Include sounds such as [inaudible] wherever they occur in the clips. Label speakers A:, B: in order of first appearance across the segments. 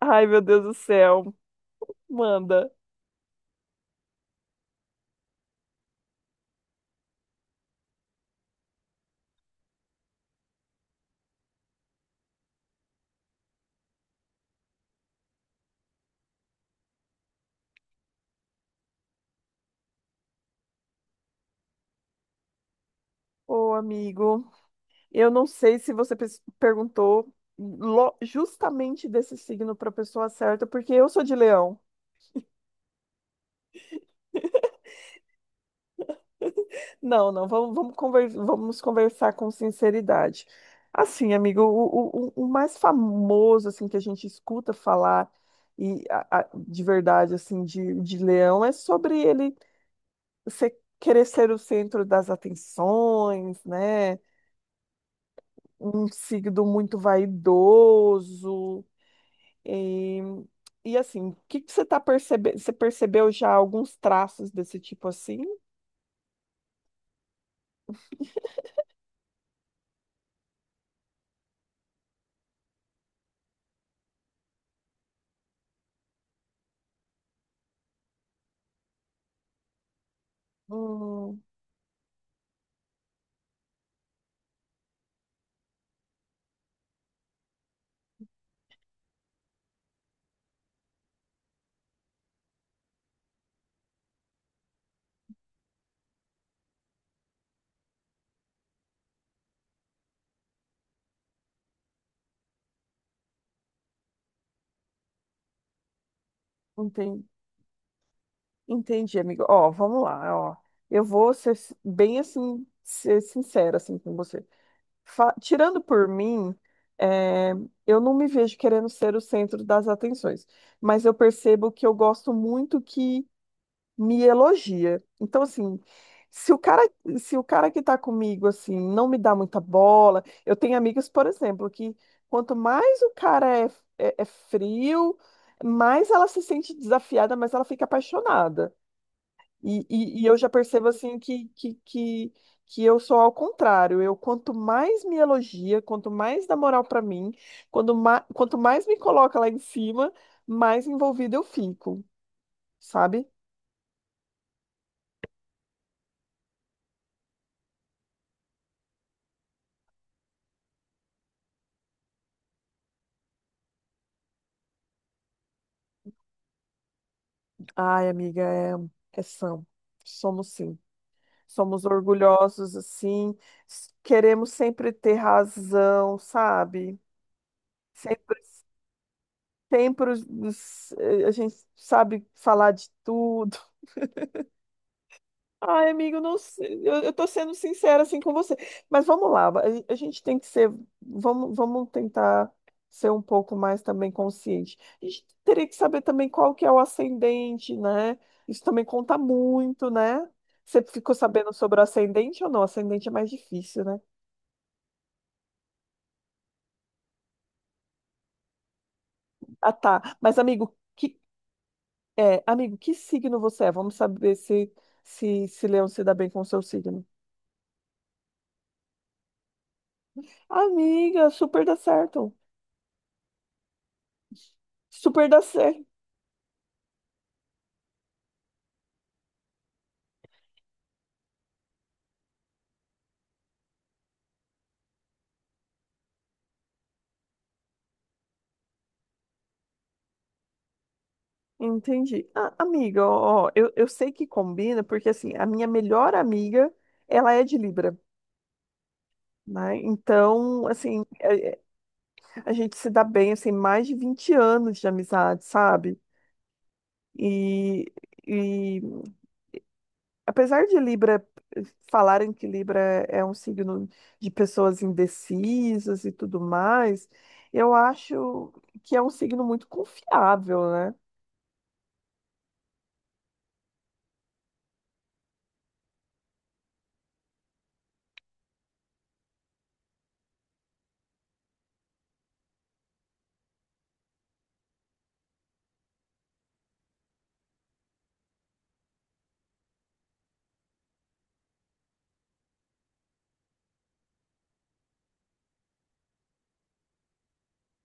A: Ai, meu Deus do céu. Manda. Ô, amigo, eu não sei se perguntou justamente desse signo para a pessoa certa, porque eu sou de leão. Não, não, vamos conversar com sinceridade. Assim, amigo, o mais famoso assim que a gente escuta falar e de verdade assim de leão é sobre ele querer ser o centro das atenções, né? Um signo muito vaidoso. E, e assim, o que que você tá percebendo? Você percebeu já alguns traços desse tipo assim? Hum, entendi, entendi, amigo. Ó, vamos lá, ó. Eu vou bem assim, ser sincera assim com você. Tirando por mim, é, eu não me vejo querendo ser o centro das atenções, mas eu percebo que eu gosto muito que me elogia. Então, assim, se o cara, se o cara que tá comigo, assim, não me dá muita bola. Eu tenho amigos, por exemplo, que quanto mais o cara é, é frio, mais ela se sente desafiada, mais ela fica apaixonada. E eu já percebo, assim, que eu sou ao contrário. Eu, quanto mais me elogia, quanto mais dá moral pra mim, quanto mais me coloca lá em cima, mais envolvida eu fico, sabe? Ai, amiga, é, são. Somos sim. Somos orgulhosos, assim. Queremos sempre ter razão, sabe? Sempre, sempre a gente sabe falar de tudo. Ai, amigo, não sei. Eu tô sendo sincera assim com você. Mas vamos lá, a gente tem que ser, vamos, vamos tentar ser um pouco mais também consciente. A gente teria que saber também qual que é o ascendente, né? Isso também conta muito, né? Você ficou sabendo sobre o ascendente ou não? Ascendente é mais difícil, né? Ah, tá. Amigo, que signo você é? Vamos saber se se Leão se dá bem com o seu signo. Amiga, super dá certo. Super dá certo. Entendi. Ah, amiga, ó, ó, eu sei que combina, porque assim, a minha melhor amiga, ela é de Libra, né? Então, assim, a gente se dá bem, assim, mais de 20 anos de amizade, sabe? E, e apesar de Libra, eh, falarem que Libra é um signo de pessoas indecisas e tudo mais, eu acho que é um signo muito confiável, né?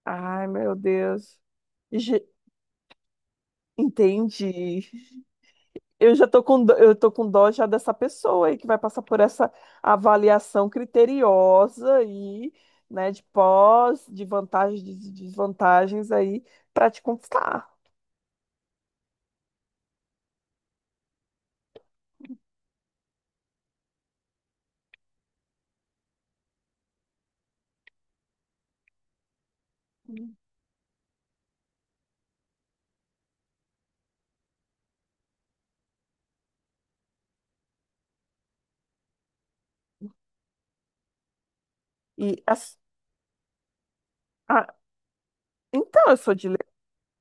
A: Ai, meu Deus. Ge- Entendi. Eu já tô com, dó- eu tô com dó já dessa pessoa aí que vai passar por essa avaliação criteriosa aí, né, de pós, de vantagens, de desvantagens aí para te conquistar. E as- ah, então, eu sou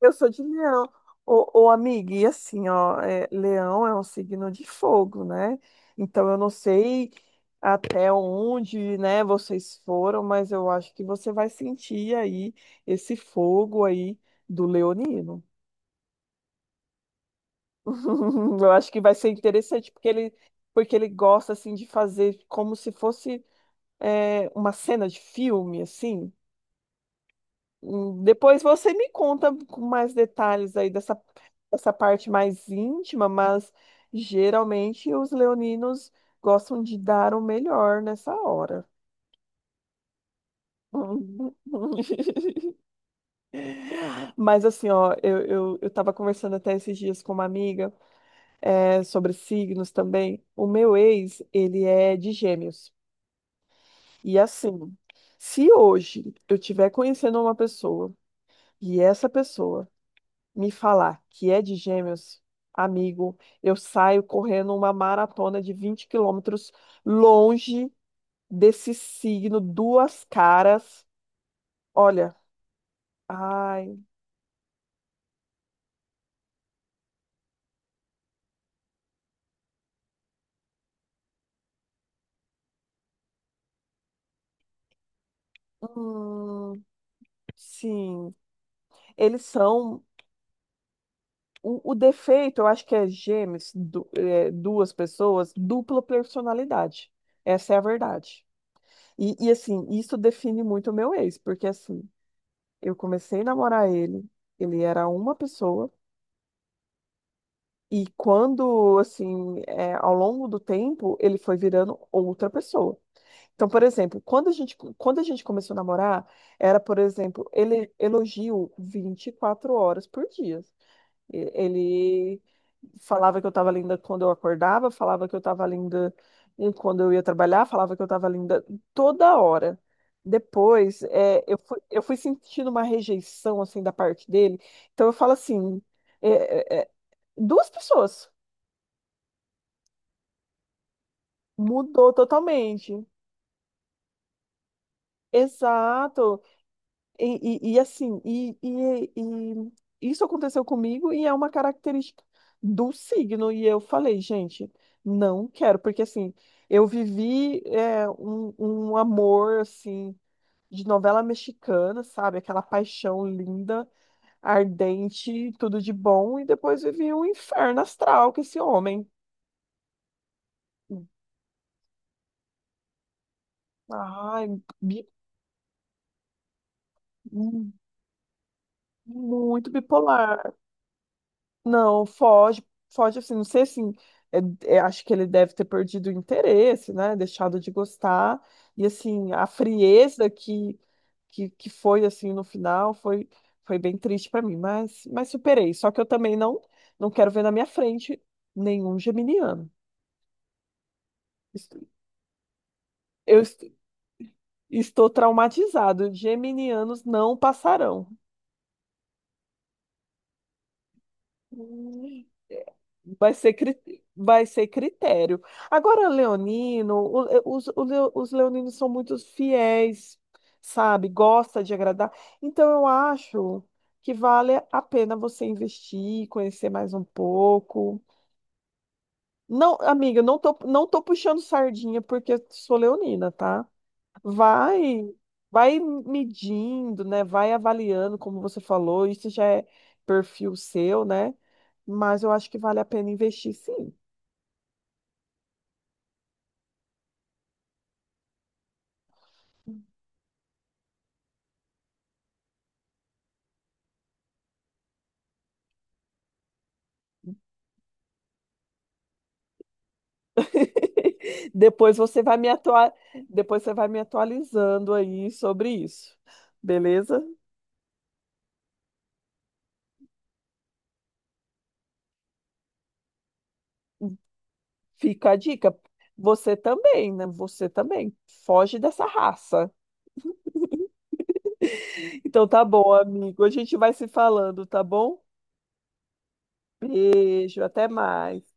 A: Eu sou de leão. Ô amiga, e assim, ó, é, leão é um signo de fogo, né? Então eu não sei até onde, né, vocês foram, mas eu acho que você vai sentir aí esse fogo aí do leonino. [laughs] Eu acho que vai ser interessante porque ele gosta assim de fazer como se fosse, é, uma cena de filme, assim. Hum. Depois você me conta com mais detalhes aí dessa parte mais íntima, mas geralmente os leoninos gostam de dar o melhor nessa hora. Uhum. [laughs] Mas assim, ó, eu tava conversando até esses dias com uma amiga, é, sobre signos também. O meu ex, ele é de gêmeos. E assim, se hoje eu tiver conhecendo uma pessoa e essa pessoa me falar que é de Gêmeos, amigo, eu saio correndo uma maratona de 20 quilômetros longe desse signo, duas caras. Olha, ai, hum, sim, eles são. O defeito, eu acho que é Gêmeos, duas pessoas, dupla personalidade. Essa é a verdade. E assim, isso define muito o meu ex, porque assim, eu comecei a namorar ele, ele era uma pessoa. E quando, assim, é, ao longo do tempo, ele foi virando outra pessoa. Então, por exemplo, quando a gente começou a namorar, era, por exemplo, ele elogio 24 horas por dia. Ele falava que eu estava linda quando eu acordava, falava que eu estava linda quando eu ia trabalhar, falava que eu estava linda toda hora. Depois, é, eu fui sentindo uma rejeição, assim, da parte dele. Então, eu falo assim, é, duas pessoas. Mudou totalmente. Exato. E, e assim, isso aconteceu comigo e é uma característica do signo. E eu falei, gente, não quero, porque assim, eu vivi, é, um amor assim de novela mexicana, sabe? Aquela paixão linda, ardente, tudo de bom, e depois vivi um inferno astral com esse homem. Ai, bi- muito bipolar. Não, foge, foge assim, não sei assim, é- é, acho que ele deve ter perdido o interesse, né, deixado de gostar, e assim, a frieza que foi, assim, no final, foi, foi bem triste para mim, mas superei, só que eu também não quero ver na minha frente nenhum geminiano. Est- eu est- estou traumatizado, geminianos não passarão. Hum. Vai ser, cri- vai ser critério. Agora, Leonino, os leoninos são muito fiéis, sabe? Gosta de agradar. Então, eu acho que vale a pena você investir, conhecer mais um pouco. Não, amiga, não tô puxando sardinha porque eu sou leonina, tá? Vai, vai medindo, né? Vai avaliando, como você falou, isso já é perfil seu, né? Mas eu acho que vale a pena investir, sim. [laughs] Depois você vai me atua... depois você vai me atualizando aí sobre isso. Beleza? Fica a dica. Você também, né? Você também. Foge dessa raça. Então tá bom, amigo. A gente vai se falando, tá bom? Beijo, até mais.